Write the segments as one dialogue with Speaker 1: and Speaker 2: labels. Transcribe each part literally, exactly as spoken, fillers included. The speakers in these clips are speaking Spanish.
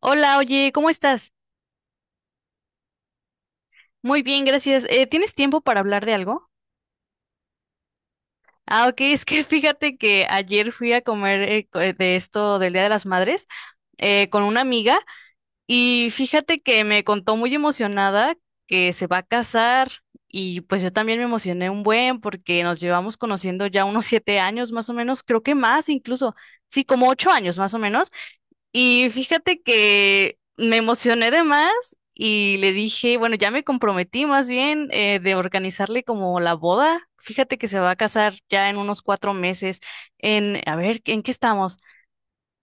Speaker 1: Hola, oye, ¿cómo estás? Muy bien, gracias. Eh, ¿tienes tiempo para hablar de algo? Ah, ok, es que fíjate que ayer fui a comer eh, co- eh, de esto del Día de las Madres eh, con una amiga y fíjate que me contó muy emocionada que se va a casar y pues yo también me emocioné un buen porque nos llevamos conociendo ya unos siete años más o menos, creo que más incluso, sí, como ocho años más o menos. Y fíjate que me emocioné de más y le dije, bueno, ya me comprometí más bien eh, de organizarle como la boda. Fíjate que se va a casar ya en unos cuatro meses. En, a ver, ¿en qué estamos?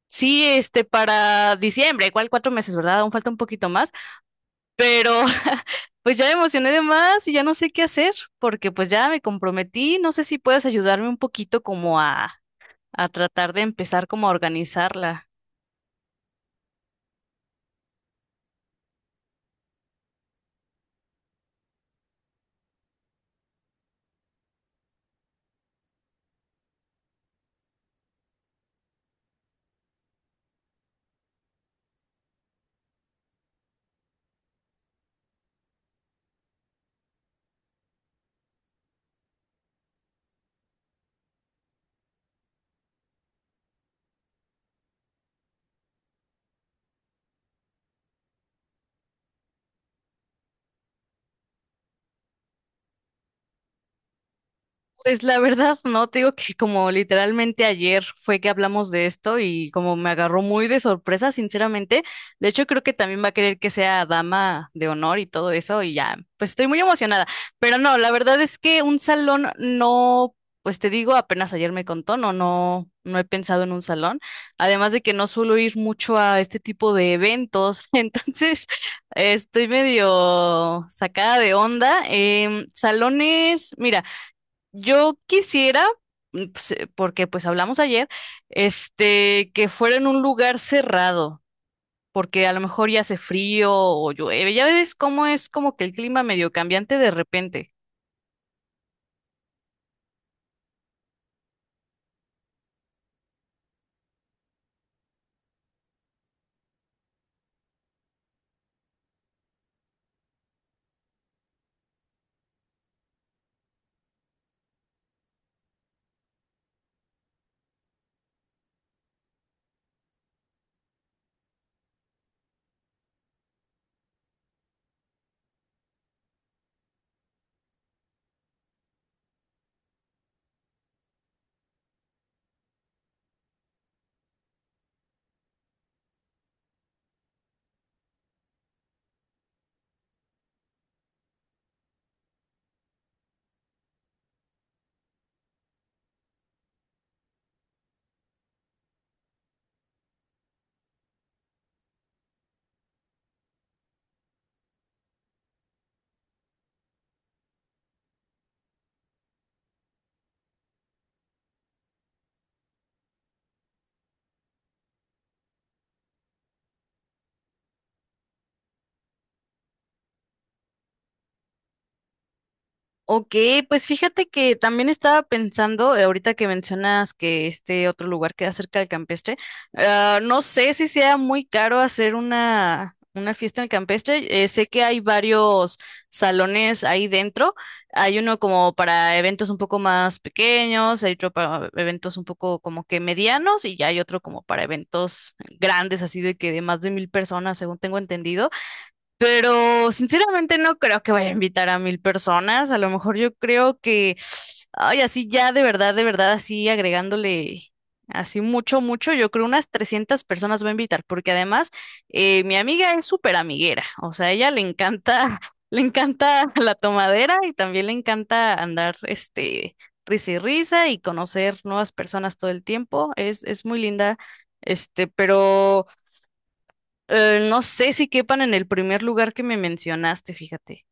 Speaker 1: Sí, este, para diciembre, igual cuatro meses, ¿verdad? Aún falta un poquito más, pero pues ya me emocioné de más y ya no sé qué hacer porque pues ya me comprometí. No sé si puedes ayudarme un poquito como a, a tratar de empezar como a organizarla. Pues la verdad, no, te digo que como literalmente ayer fue que hablamos de esto y como me agarró muy de sorpresa, sinceramente. De hecho, creo que también va a querer que sea dama de honor y todo eso y ya, pues estoy muy emocionada. Pero no, la verdad es que un salón no, pues te digo, apenas ayer me contó, no, no, no he pensado en un salón. Además de que no suelo ir mucho a este tipo de eventos, entonces estoy medio sacada de onda. Em, salones, mira. Yo quisiera, mm, pues, eh, porque pues hablamos ayer, este, que fuera en un lugar cerrado, porque a lo mejor ya hace frío o llueve, ya ves cómo es como que el clima medio cambiante de repente. Ok, pues fíjate que también estaba pensando, eh, ahorita que mencionas que este otro lugar queda cerca del campestre, ah, no sé si sea muy caro hacer una, una fiesta en el campestre. Eh, sé que hay varios salones ahí dentro. Hay uno como para eventos un poco más pequeños, hay otro para eventos un poco como que medianos y ya hay otro como para eventos grandes, así de que de más de mil personas, según tengo entendido. Pero sinceramente no creo que vaya a invitar a mil personas. A lo mejor yo creo que, ay, así ya de verdad, de verdad, así agregándole así mucho, mucho, yo creo unas trescientas personas va a invitar, porque además eh, mi amiga es súper amiguera. O sea, a ella le encanta, le encanta la tomadera y también le encanta andar, este, risa y risa y conocer nuevas personas todo el tiempo. Es, es muy linda, este, pero... Eh, no sé si quepan en el primer lugar que me mencionaste, fíjate.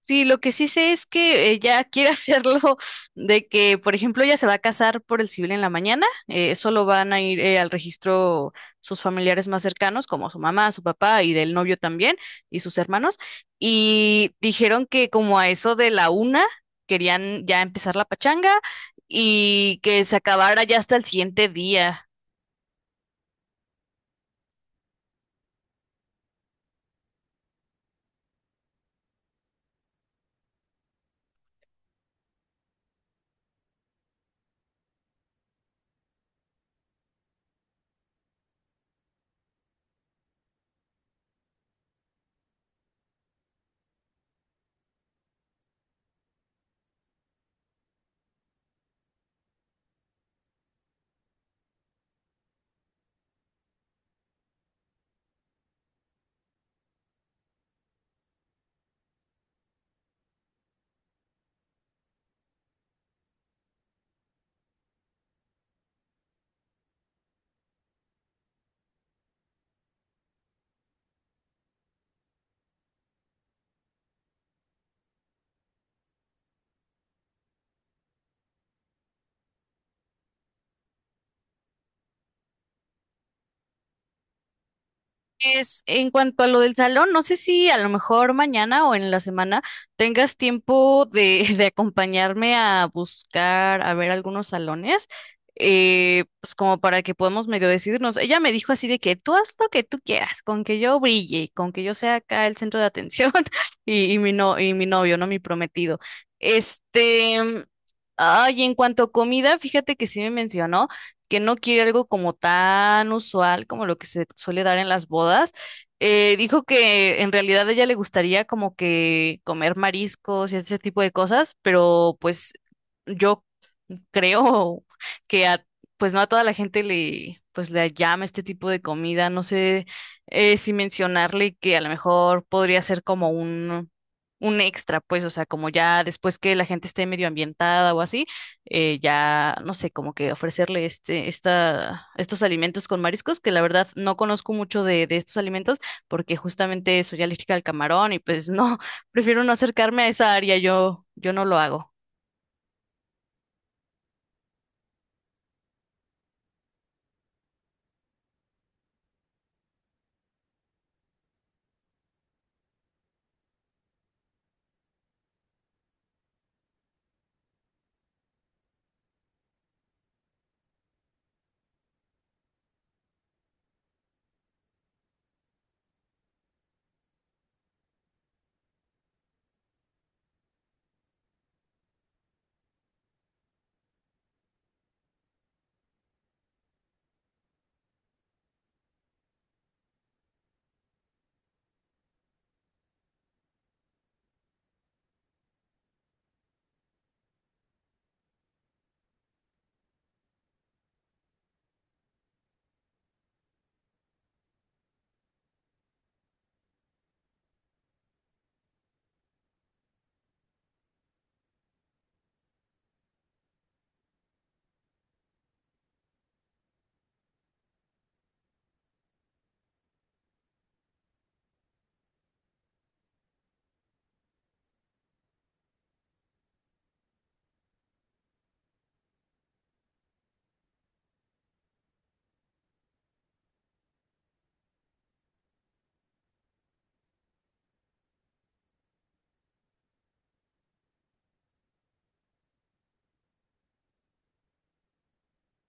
Speaker 1: Sí, lo que sí sé es que ella quiere hacerlo de que, por ejemplo, ella se va a casar por el civil en la mañana, eh, solo van a ir eh, al registro sus familiares más cercanos, como su mamá, su papá y del novio también, y sus hermanos, y dijeron que como a eso de la una querían ya empezar la pachanga y que se acabara ya hasta el siguiente día. Es en cuanto a lo del salón, no sé si a lo mejor mañana o en la semana tengas tiempo de, de acompañarme a buscar, a ver algunos salones, eh, pues como para que podamos medio decidirnos. Ella me dijo así de que tú haz lo que tú quieras, con que yo brille, con que yo sea acá el centro de atención y, y mi no, y mi novio, no mi prometido. Este, mm, ay, en cuanto a comida, fíjate que sí me mencionó que no quiere algo como tan usual como lo que se suele dar en las bodas. Eh, dijo que en realidad a ella le gustaría como que comer mariscos y ese tipo de cosas, pero pues yo creo que a, pues no a toda la gente le, pues le llama este tipo de comida. No sé eh, si mencionarle que a lo mejor podría ser como un, un extra, pues, o sea, como ya después que la gente esté medio ambientada o así, eh, ya, no sé, como que ofrecerle este, esta, estos alimentos con mariscos, que la verdad no conozco mucho de, de estos alimentos, porque justamente soy alérgica al camarón y pues no, prefiero no acercarme a esa área, yo, yo no lo hago.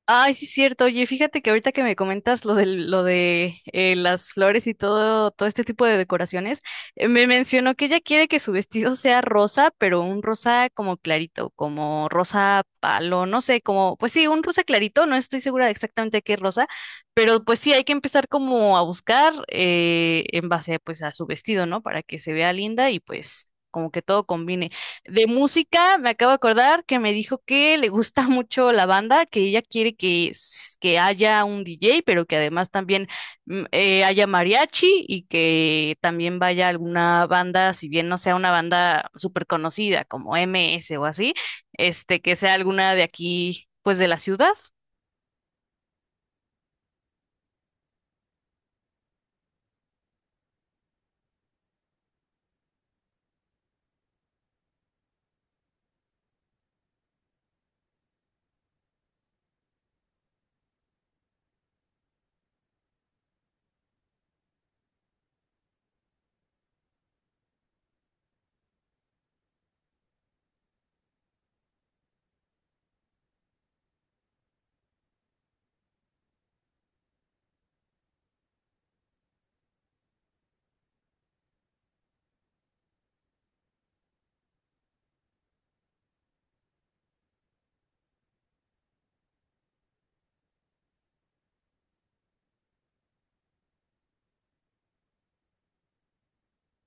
Speaker 1: Ay, sí es cierto. Oye, fíjate que ahorita que me comentas lo de lo de eh, las flores y todo, todo este tipo de decoraciones, eh, me mencionó que ella quiere que su vestido sea rosa, pero un rosa como clarito, como rosa palo, no sé, como, pues sí, un rosa clarito, no estoy segura de exactamente qué rosa, pero pues sí, hay que empezar como a buscar eh, en base pues a su vestido, ¿no? Para que se vea linda y pues como que todo combine. De música, me acabo de acordar que me dijo que le gusta mucho la banda, que ella quiere que, s- que haya un D J, pero que además también mm, eh, haya mariachi y que también vaya alguna banda, si bien no sea una banda súper conocida como M S o así, este, que sea alguna de aquí, pues de la ciudad.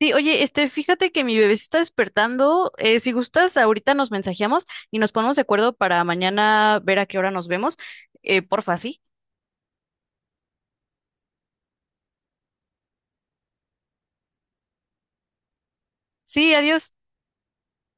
Speaker 1: Sí, oye, este, fíjate que mi bebé se está despertando. Eh, si gustas, ahorita nos mensajeamos y nos ponemos de acuerdo para mañana ver a qué hora nos vemos. Eh, porfa, sí. Sí, adiós.